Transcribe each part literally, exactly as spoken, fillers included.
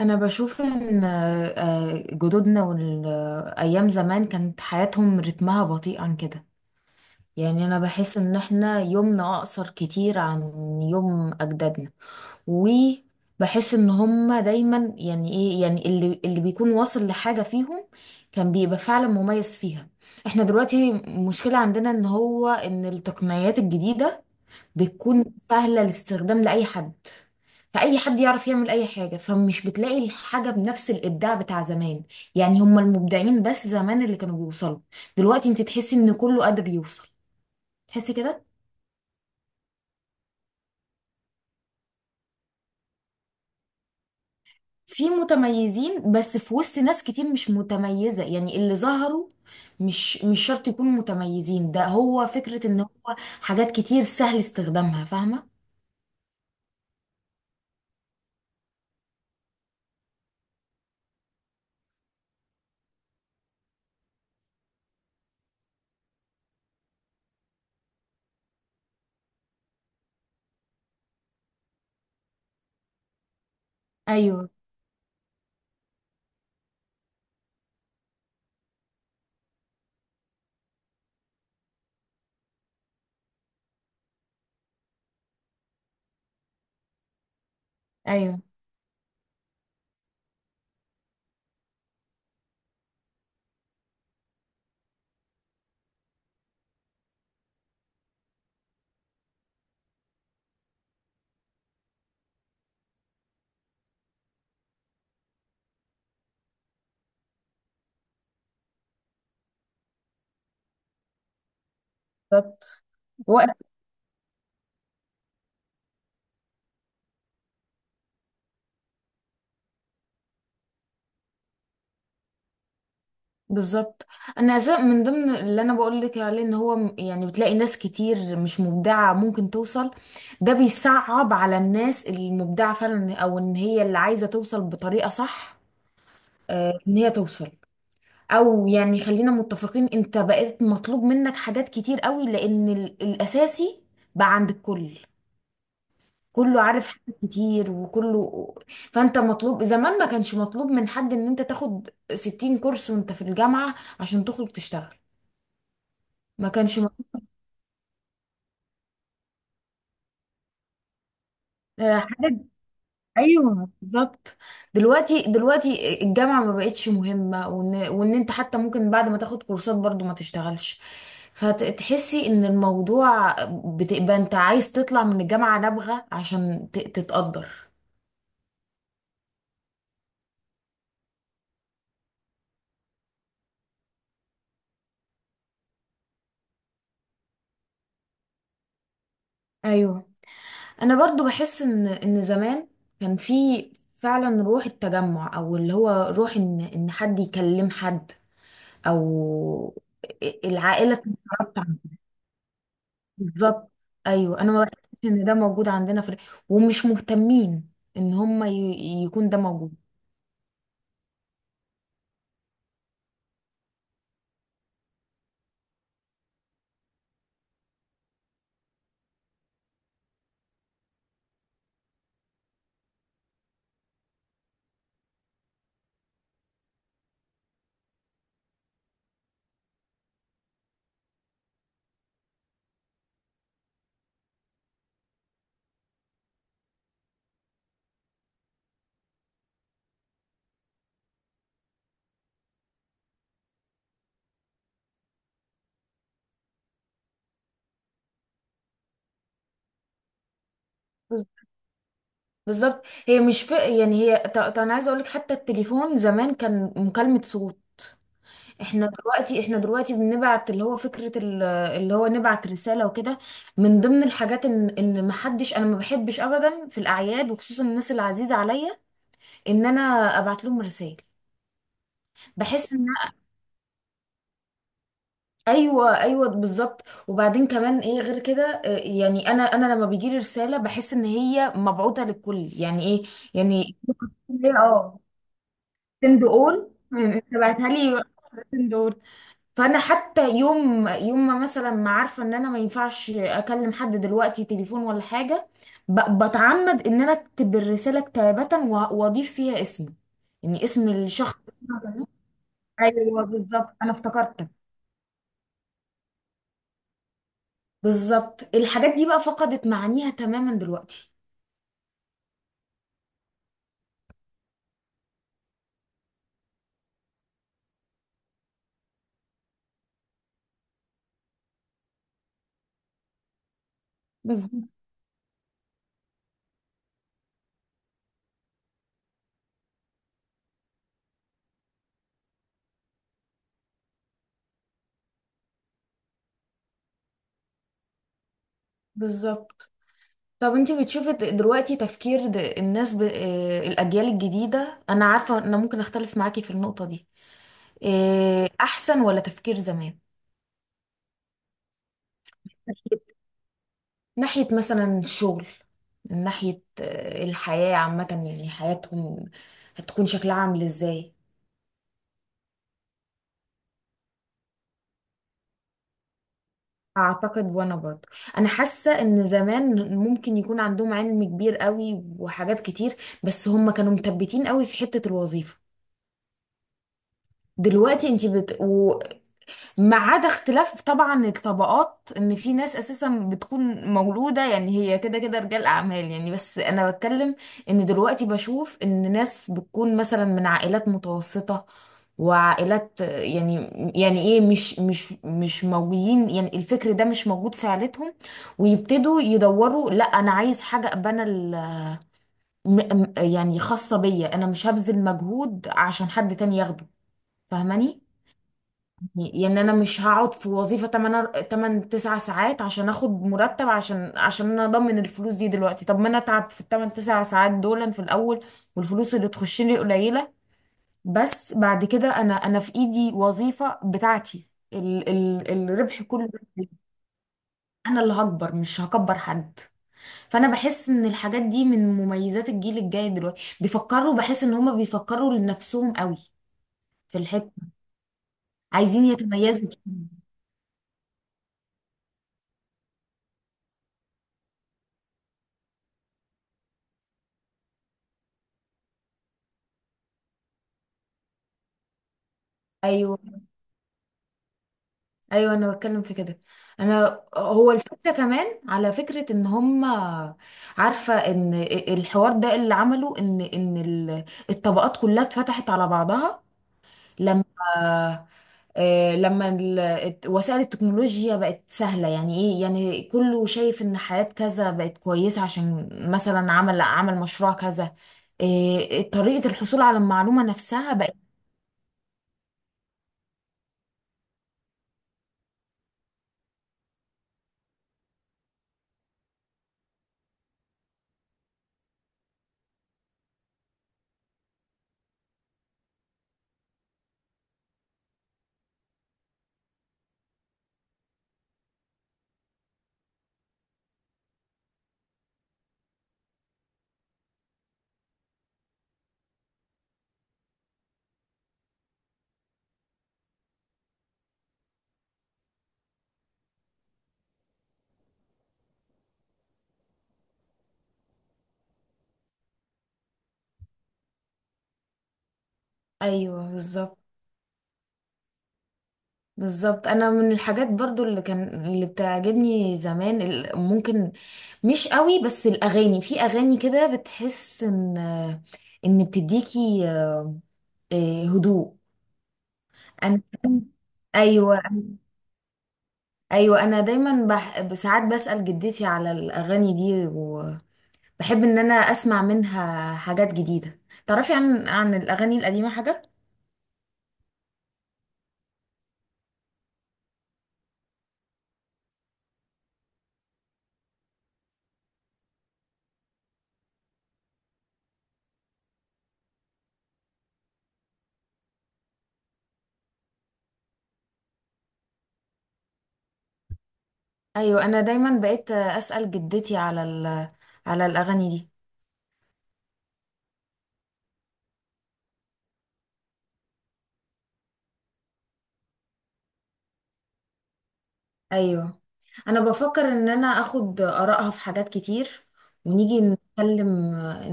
انا بشوف ان آه، آه، جدودنا والايام زمان كانت حياتهم رتمها بطيء عن كده. يعني انا بحس ان احنا يومنا اقصر كتير عن يوم اجدادنا. وبحس ان هما دايما يعني ايه يعني اللي اللي بيكون واصل لحاجة فيهم كان بيبقى فعلا مميز فيها. احنا دلوقتي مشكلة عندنا ان هو ان التقنيات الجديدة بتكون سهلة الاستخدام لأي حد، فأي حد يعرف يعمل أي حاجة، فمش بتلاقي الحاجة بنفس الإبداع بتاع زمان. يعني هم المبدعين بس زمان اللي كانوا بيوصلوا، دلوقتي أنت تحسي إن كله قادر يوصل. تحسي كده. في متميزين بس في وسط ناس كتير مش متميزة، يعني اللي ظهروا مش مش شرط يكونوا متميزين، ده هو فكرة إن هو حاجات كتير سهل استخدامها. فاهمة؟ أيوه، أيوه، بالظبط، بالظبط. انا أسا- من ضمن اللي انا بقول لك عليه ان هو م- يعني بتلاقي ناس كتير مش مبدعه ممكن توصل، ده بيصعب على الناس المبدعه فعلا، او ان هي اللي عايزه توصل بطريقه صح، آه، ان هي توصل. او يعني خلينا متفقين انت بقيت مطلوب منك حاجات كتير قوي، لان ال- الاساسي بقى عند الكل. كله عارف حاجات كتير وكله، فانت مطلوب. زمان ما كانش مطلوب من حد ان انت تاخد ستين كورس وانت في الجامعه عشان تخرج تشتغل. ما كانش م- آه، حاجة. ايوه، بالظبط. دلوقتي دلوقتي الجامعة ما بقتش مهمة، وان وان انت حتى ممكن بعد ما تاخد كورسات برضو ما تشتغلش، فتحسي ان الموضوع بتبقى انت عايز تطلع من الجامعة نابغة عشان ت- تتقدر. ايوه، انا برضو بحس ان ان زمان كان في فعلا روح التجمع، او اللي هو روح ان ان حد يكلم حد، او العائلة تتعرف. بالظبط. ايوه، انا ما بحسش ان ده موجود عندنا في، ومش مهتمين ان هم ي... يكون ده موجود. بز- بالظبط، هي مش ف... يعني هي ط- طب انا عايزه اقول لك حتى التليفون زمان كان مكالمه صوت. احنا دلوقتي احنا دلوقتي بنبعت اللي هو فكره ال- اللي هو نبعت رساله وكده. من ضمن الحاجات ان ان ما حدش، انا ما بحبش ابدا في الاعياد وخصوصا الناس العزيزه عليا ان انا ابعت لهم رسائل. بحس ان، ايوه، ايوه، بالظبط. وبعدين كمان ايه غير كده، آه، يعني انا انا لما بيجي لي رساله بحس ان هي مبعوثه للكل. يعني ايه، يعني ليه، اه، سند اول، يعني انت بعتها لي. سند اول. فانا حتى يوم يوم ما مثلا ما عارفه ان انا ما ينفعش اكلم حد دلوقتي تليفون ولا حاجه، ب- بتعمد ان انا اكتب الرساله كتابه و- واضيف فيها اسمه، يعني اسم الشخص. ايوه، بالظبط. انا افتكرت. بالظبط، الحاجات دي بقى فقدت معانيها تماما دلوقتي. بالظبط، بالظبط. طب انتي بتشوفي د- دلوقتي تفكير د- الناس، ب... آه، الأجيال الجديدة، أنا عارفة أنا ممكن أختلف معاكي في النقطة دي، آه، أحسن ولا تفكير زمان؟ ناحية مثلا الشغل، من ناحية آه، الحياة عامة، يعني حياتهم هتكون شكلها عامل ازاي. اعتقد، وانا برضه انا حاسه ان زمان ممكن يكون عندهم علم كبير قوي وحاجات كتير، بس هم كانوا مثبتين قوي في حته الوظيفه. دلوقتي انت بت... ما عدا اختلاف طبعا الطبقات، ان في ناس اساسا بتكون مولوده يعني هي كده كده رجال اعمال. يعني بس انا بتكلم ان دلوقتي بشوف ان ناس بتكون مثلا من عائلات متوسطه وعائلات، آه، يعني يعني ايه، مش مش مش موجودين، يعني الفكر ده مش موجود في عائلتهم، ويبتدوا يدوروا. لا، انا عايز حاجه ابقى انا، ال- م- م- يعني خاصه بيا انا، مش هبذل مجهود عشان حد تاني ياخده. فاهماني؟ يعني انا مش هقعد في وظيفة 8 8 تسعة ساعات عشان اخد مرتب، عشان عشان انا اضمن الفلوس دي دلوقتي. طب ما انا اتعب في ال ثمانية تسعة ساعات دول في الاول، والفلوس اللي تخش لي قليلة، بس بعد كده انا انا في ايدي وظيفة بتاعتي، ال ال الربح كله. انا اللي هكبر، مش هكبر حد. فانا بحس ان الحاجات دي من مميزات الجيل الجاي. دلوقتي بيفكروا، بحس ان هما بيفكروا لنفسهم قوي في الحتة، عايزين يتميزوا كده. ايوه، ايوه، انا بتكلم في كده. انا هو الفكره كمان على فكره ان هم، عارفه ان الحوار ده اللي عمله ان ان ال- الطبقات كلها اتفتحت على بعضها، لما آه، لما ال- الت- وسائل التكنولوجيا بقت سهله. يعني ايه يعني كله شايف ان حياه كذا بقت كويسه عشان مثلا عمل عمل مشروع كذا. إيه، طريقه الحصول على المعلومه نفسها بقت. ايوه، بالظبط. بالظبط، انا من الحاجات برضو اللي كان اللي بتعجبني زمان، ال- ممكن مش قوي بس الاغاني، في اغاني كده بتحس ان ان بتديكي، آه، آه، هدوء. انا ايوه. ايوه انا دايما بح... ساعات بسأل جدتي على الاغاني دي، وبحب ان انا اسمع منها حاجات جديدة. تعرفي عن عن الاغاني القديمة حاجة؟ ايوه، انا دايما بقيت اسأل جدتي على ال... على الاغاني دي. ايوه، انا بفكر ان انا اخد ارائها في حاجات كتير، ونيجي نتكلم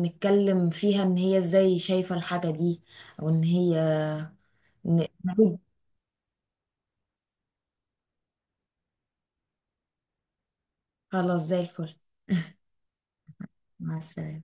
نتكلم فيها ان هي ازاي شايفة الحاجة دي، او ان هي ن- خلاص زي الفل. مع السلامة.